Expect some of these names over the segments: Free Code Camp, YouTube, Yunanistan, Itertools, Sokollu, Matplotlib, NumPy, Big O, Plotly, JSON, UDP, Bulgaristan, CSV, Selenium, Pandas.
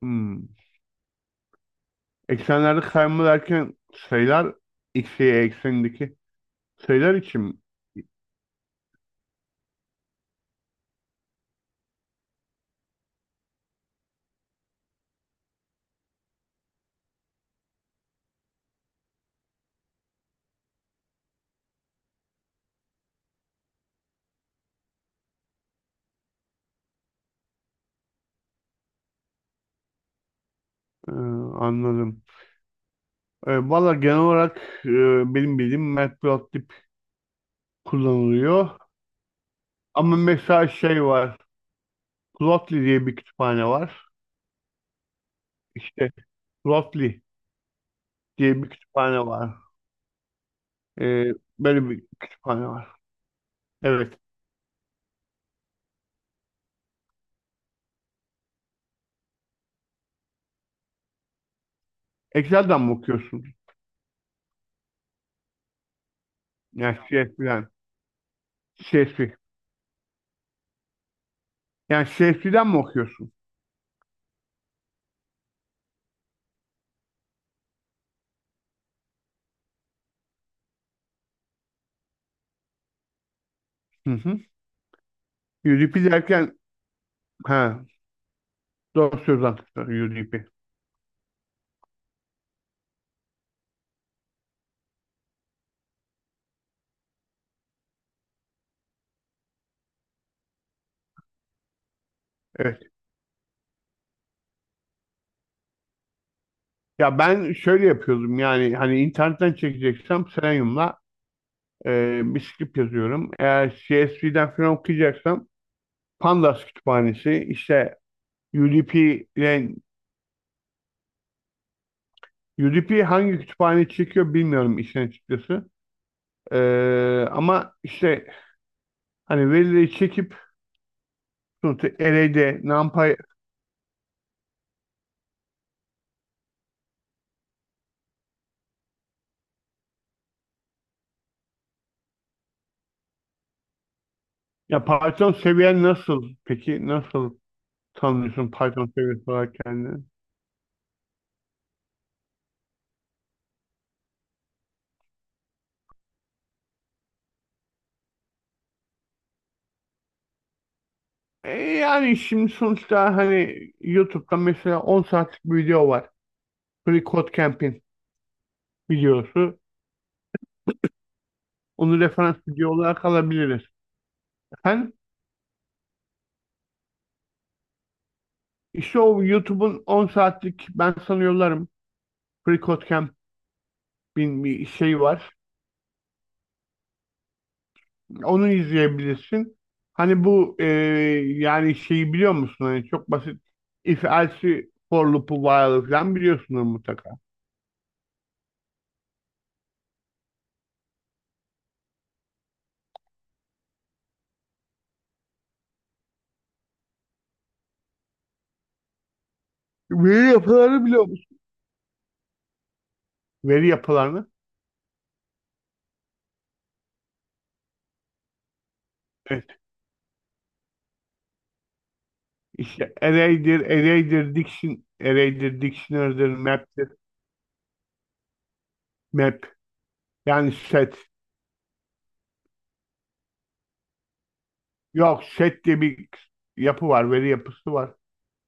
Hmm. Eksenlerde kayma derken sayılar x, y eksenindeki sayılar için mi? Anladım. Valla genel olarak e, benim bildiğim Matplotlib kullanılıyor. Ama mesela şey var. Plotly diye bir kütüphane var. İşte Plotly diye bir kütüphane var. Ee, Böyle bir kütüphane var. Evet. Excel'den mi okuyorsun? Yani CSV'den. CSV. Yani CSV'den mi okuyorsun? Hı hı. UDP derken ha, doğru söz anahtarı UDP. Evet. Ya ben şöyle yapıyordum, yani hani internetten çekeceksem Selenium'la bir script yazıyorum. Eğer CSV'den falan okuyacaksam Pandas kütüphanesi işte UDP ile UDP hangi kütüphane çekiyor bilmiyorum işin açıkçası. E, Ama işte hani verileri çekip sonuçta array'de NumPy. Ya Python seviyen nasıl peki? Nasıl tanımlıyorsun Python seviyesi olarak kendini? Yani şimdi sonuçta hani YouTube'da mesela 10 saatlik bir video var. Free Code Camp'in videosu. Onu referans video olarak alabiliriz. Efendim? İşte o YouTube'un 10 saatlik ben sana yollarım. Free Code Camp'in bir şey var. Onu izleyebilirsin. Hani bu yani şeyi biliyor musun? Hani çok basit if else for loop'u while'ı falan biliyorsunuz mutlaka. Veri yapılarını biliyor musun? Veri yapılarını. İşte array'dir, array'dir, dictionary'dir, map'tir, map. Yani set. Yok, set diye bir yapı var, veri yapısı var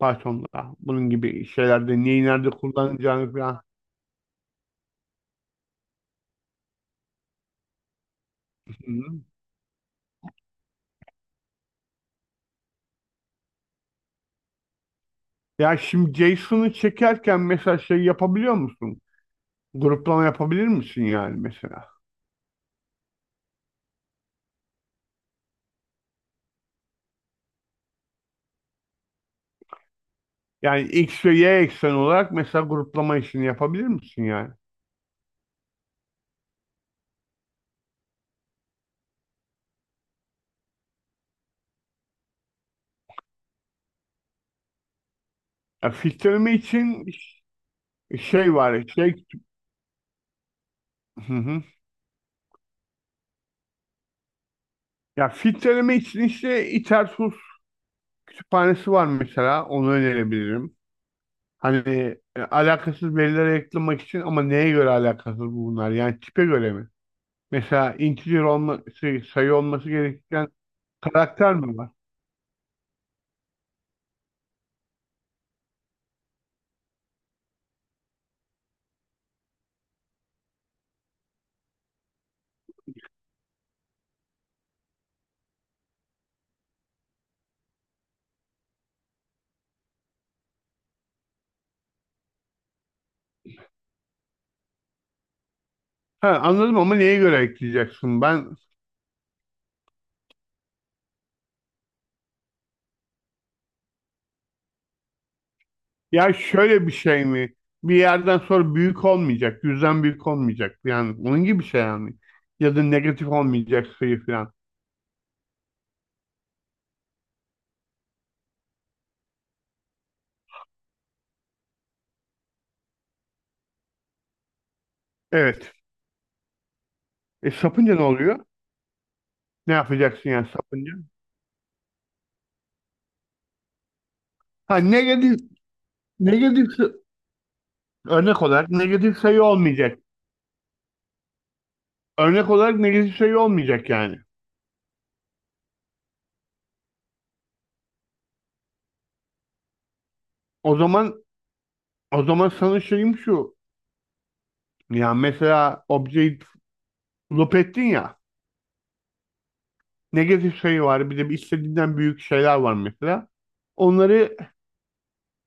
Python'da. Bunun gibi şeylerde neyi nerede kullanacağını falan. Hı hı. Ya şimdi JSON'u çekerken mesela şey yapabiliyor musun? Gruplama yapabilir misin yani mesela? Yani X ve Y eksen olarak mesela gruplama işini yapabilir misin yani? Ya filtreleme için şey var, şey. Ya filtreleme için işte İtersus kütüphanesi var mesela. Onu önerebilirim. Hani alakasız verilere yakalamak için, ama neye göre alakasız bunlar? Yani tipe göre mi? Mesela integer olması, sayı olması gereken karakter mi var? Ha, anladım ama neye göre ekleyeceksin? Ben. Ya şöyle bir şey mi? Bir yerden sonra büyük olmayacak, yüzden büyük olmayacak. Yani onun gibi bir şey yani. Ya da negatif olmayacak sayı falan. Evet. E sapınca ne oluyor? Ne yapacaksın yani sapınca? Ha, negatif, negatif şey, örnek olarak negatif sayı olmayacak. Örnek olarak negatif sayı olmayacak yani. O zaman o zaman sana şeyim şu. Ya mesela objeyi loop ettin ya. Negatif sayı var. Bir de bir istediğinden büyük şeyler var mesela. Onları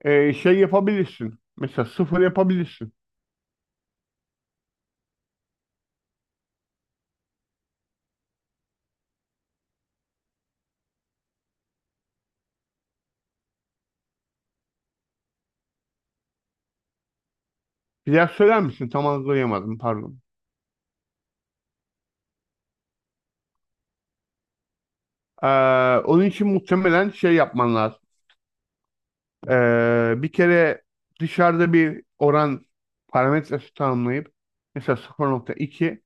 şey yapabilirsin. Mesela sıfır yapabilirsin. Bir daha söyler misin? Tam anlayamadım. Pardon. Ee, Onun için muhtemelen şey yapman lazım. Bir kere dışarıda bir oran parametresi tanımlayıp mesela 0,2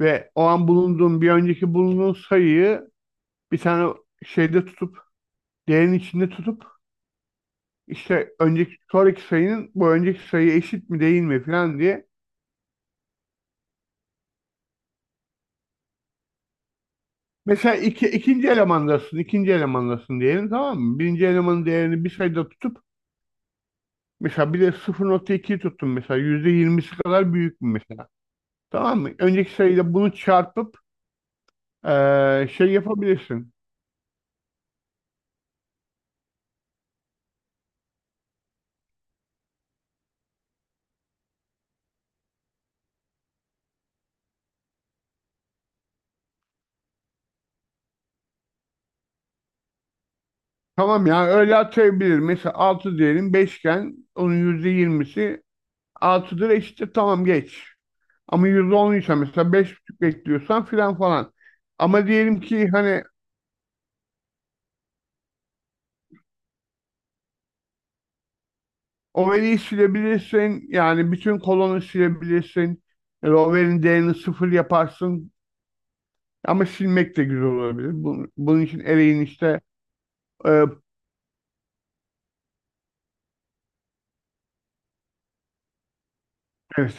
ve o an bulunduğun bir önceki bulunduğun sayıyı bir tane şeyde tutup değerin içinde tutup işte önceki sonraki sayının bu önceki sayıya eşit mi değil mi falan diye, mesela ikinci elemandasın ikinci elemandasın diyelim, tamam mı? Birinci elemanın değerini bir sayıda tutup mesela bir de 0,2'yi tuttun, mesela %20'si kadar büyük mü mesela, tamam mı? Önceki sayıyla bunu çarpıp şey yapabilirsin. Tamam, ya öyle atayabilir. Mesela 6 diyelim, beşken onun %20'si altıdır, eşittir tamam, geç. Ama %10 ise mesela 5,5 bekliyorsan filan falan. Ama diyelim ki hani overi silebilirsin, yani bütün kolonu silebilirsin. Yani overin değerini sıfır yaparsın. Ama silmek de güzel olabilir. Bunun, için array'in işte. e, evet,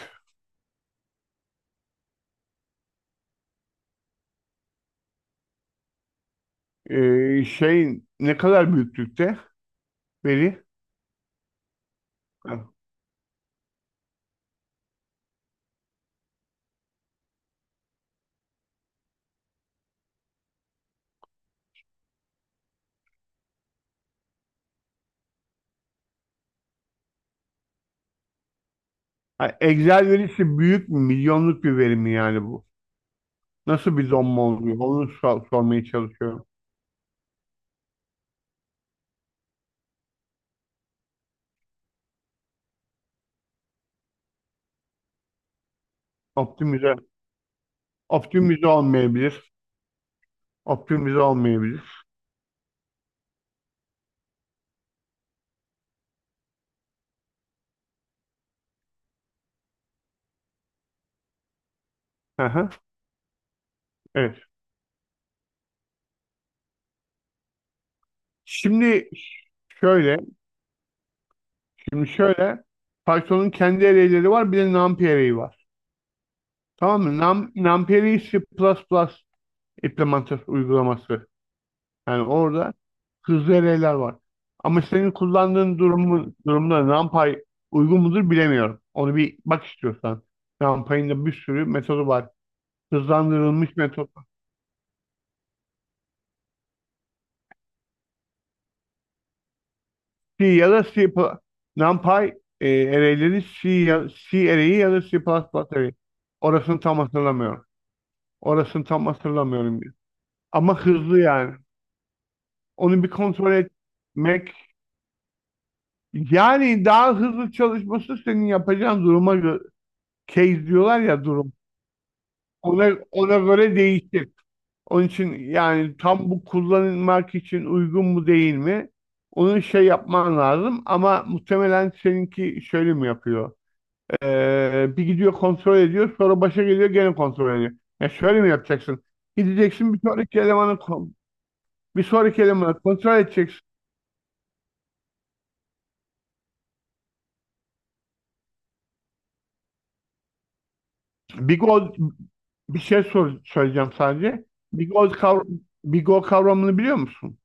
şey ne kadar büyüklükte veri? Ha, Excel verisi büyük mü? Milyonluk bir veri mi yani bu? Nasıl bir donma oluyor? Onu sormaya çalışıyorum. Optimize, optimize olmayabilir. Optimize olmayabilir. Hı hı, evet. Şimdi şöyle, şimdi şöyle Python'un kendi array'leri var, bir de NumPy array'i var. Tamam mı? NumPy array'i C++ implementası uygulaması. Yani orada hızlı eleyler var. Ama senin kullandığın durumda NumPy uygun mudur bilemiyorum. Onu bir bak istiyorsan. NumPy'in de bir sürü metodu var. Hızlandırılmış metot. C ya da C++. NumPy array'leri C, C array'i ya da C++ array'i. Orasını tam hatırlamıyorum. Orasını tam hatırlamıyorum. Ama hızlı yani. Onu bir kontrol etmek. Yani daha hızlı çalışması senin yapacağın duruma göre, case diyorlar ya, durum. Ona göre değişir. Onun için yani tam bu kullanılmak için uygun mu değil mi? Onu şey yapman lazım, ama muhtemelen seninki şöyle mi yapıyor? Bir gidiyor kontrol ediyor sonra başa geliyor gene kontrol ediyor. Ya şöyle mi yapacaksın? Gideceksin bir sonraki elemanı kontrol edeceksin. Big O, bir şey sor, söyleyeceğim sadece. Big old kavram, Big O kavramını biliyor musun?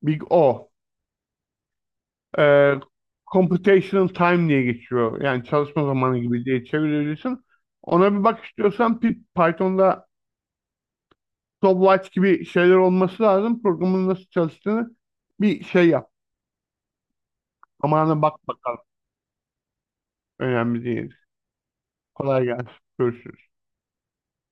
Big O. e, Computational time diye geçiyor. Yani çalışma zamanı gibi diye çevirebilirsin. Ona bir bak istiyorsan, Python'da stopwatch gibi şeyler olması lazım. Programın nasıl çalıştığını bir şey yap. Amana bak bakalım. Önemli değil. Kolay gelsin. Görüşürüz.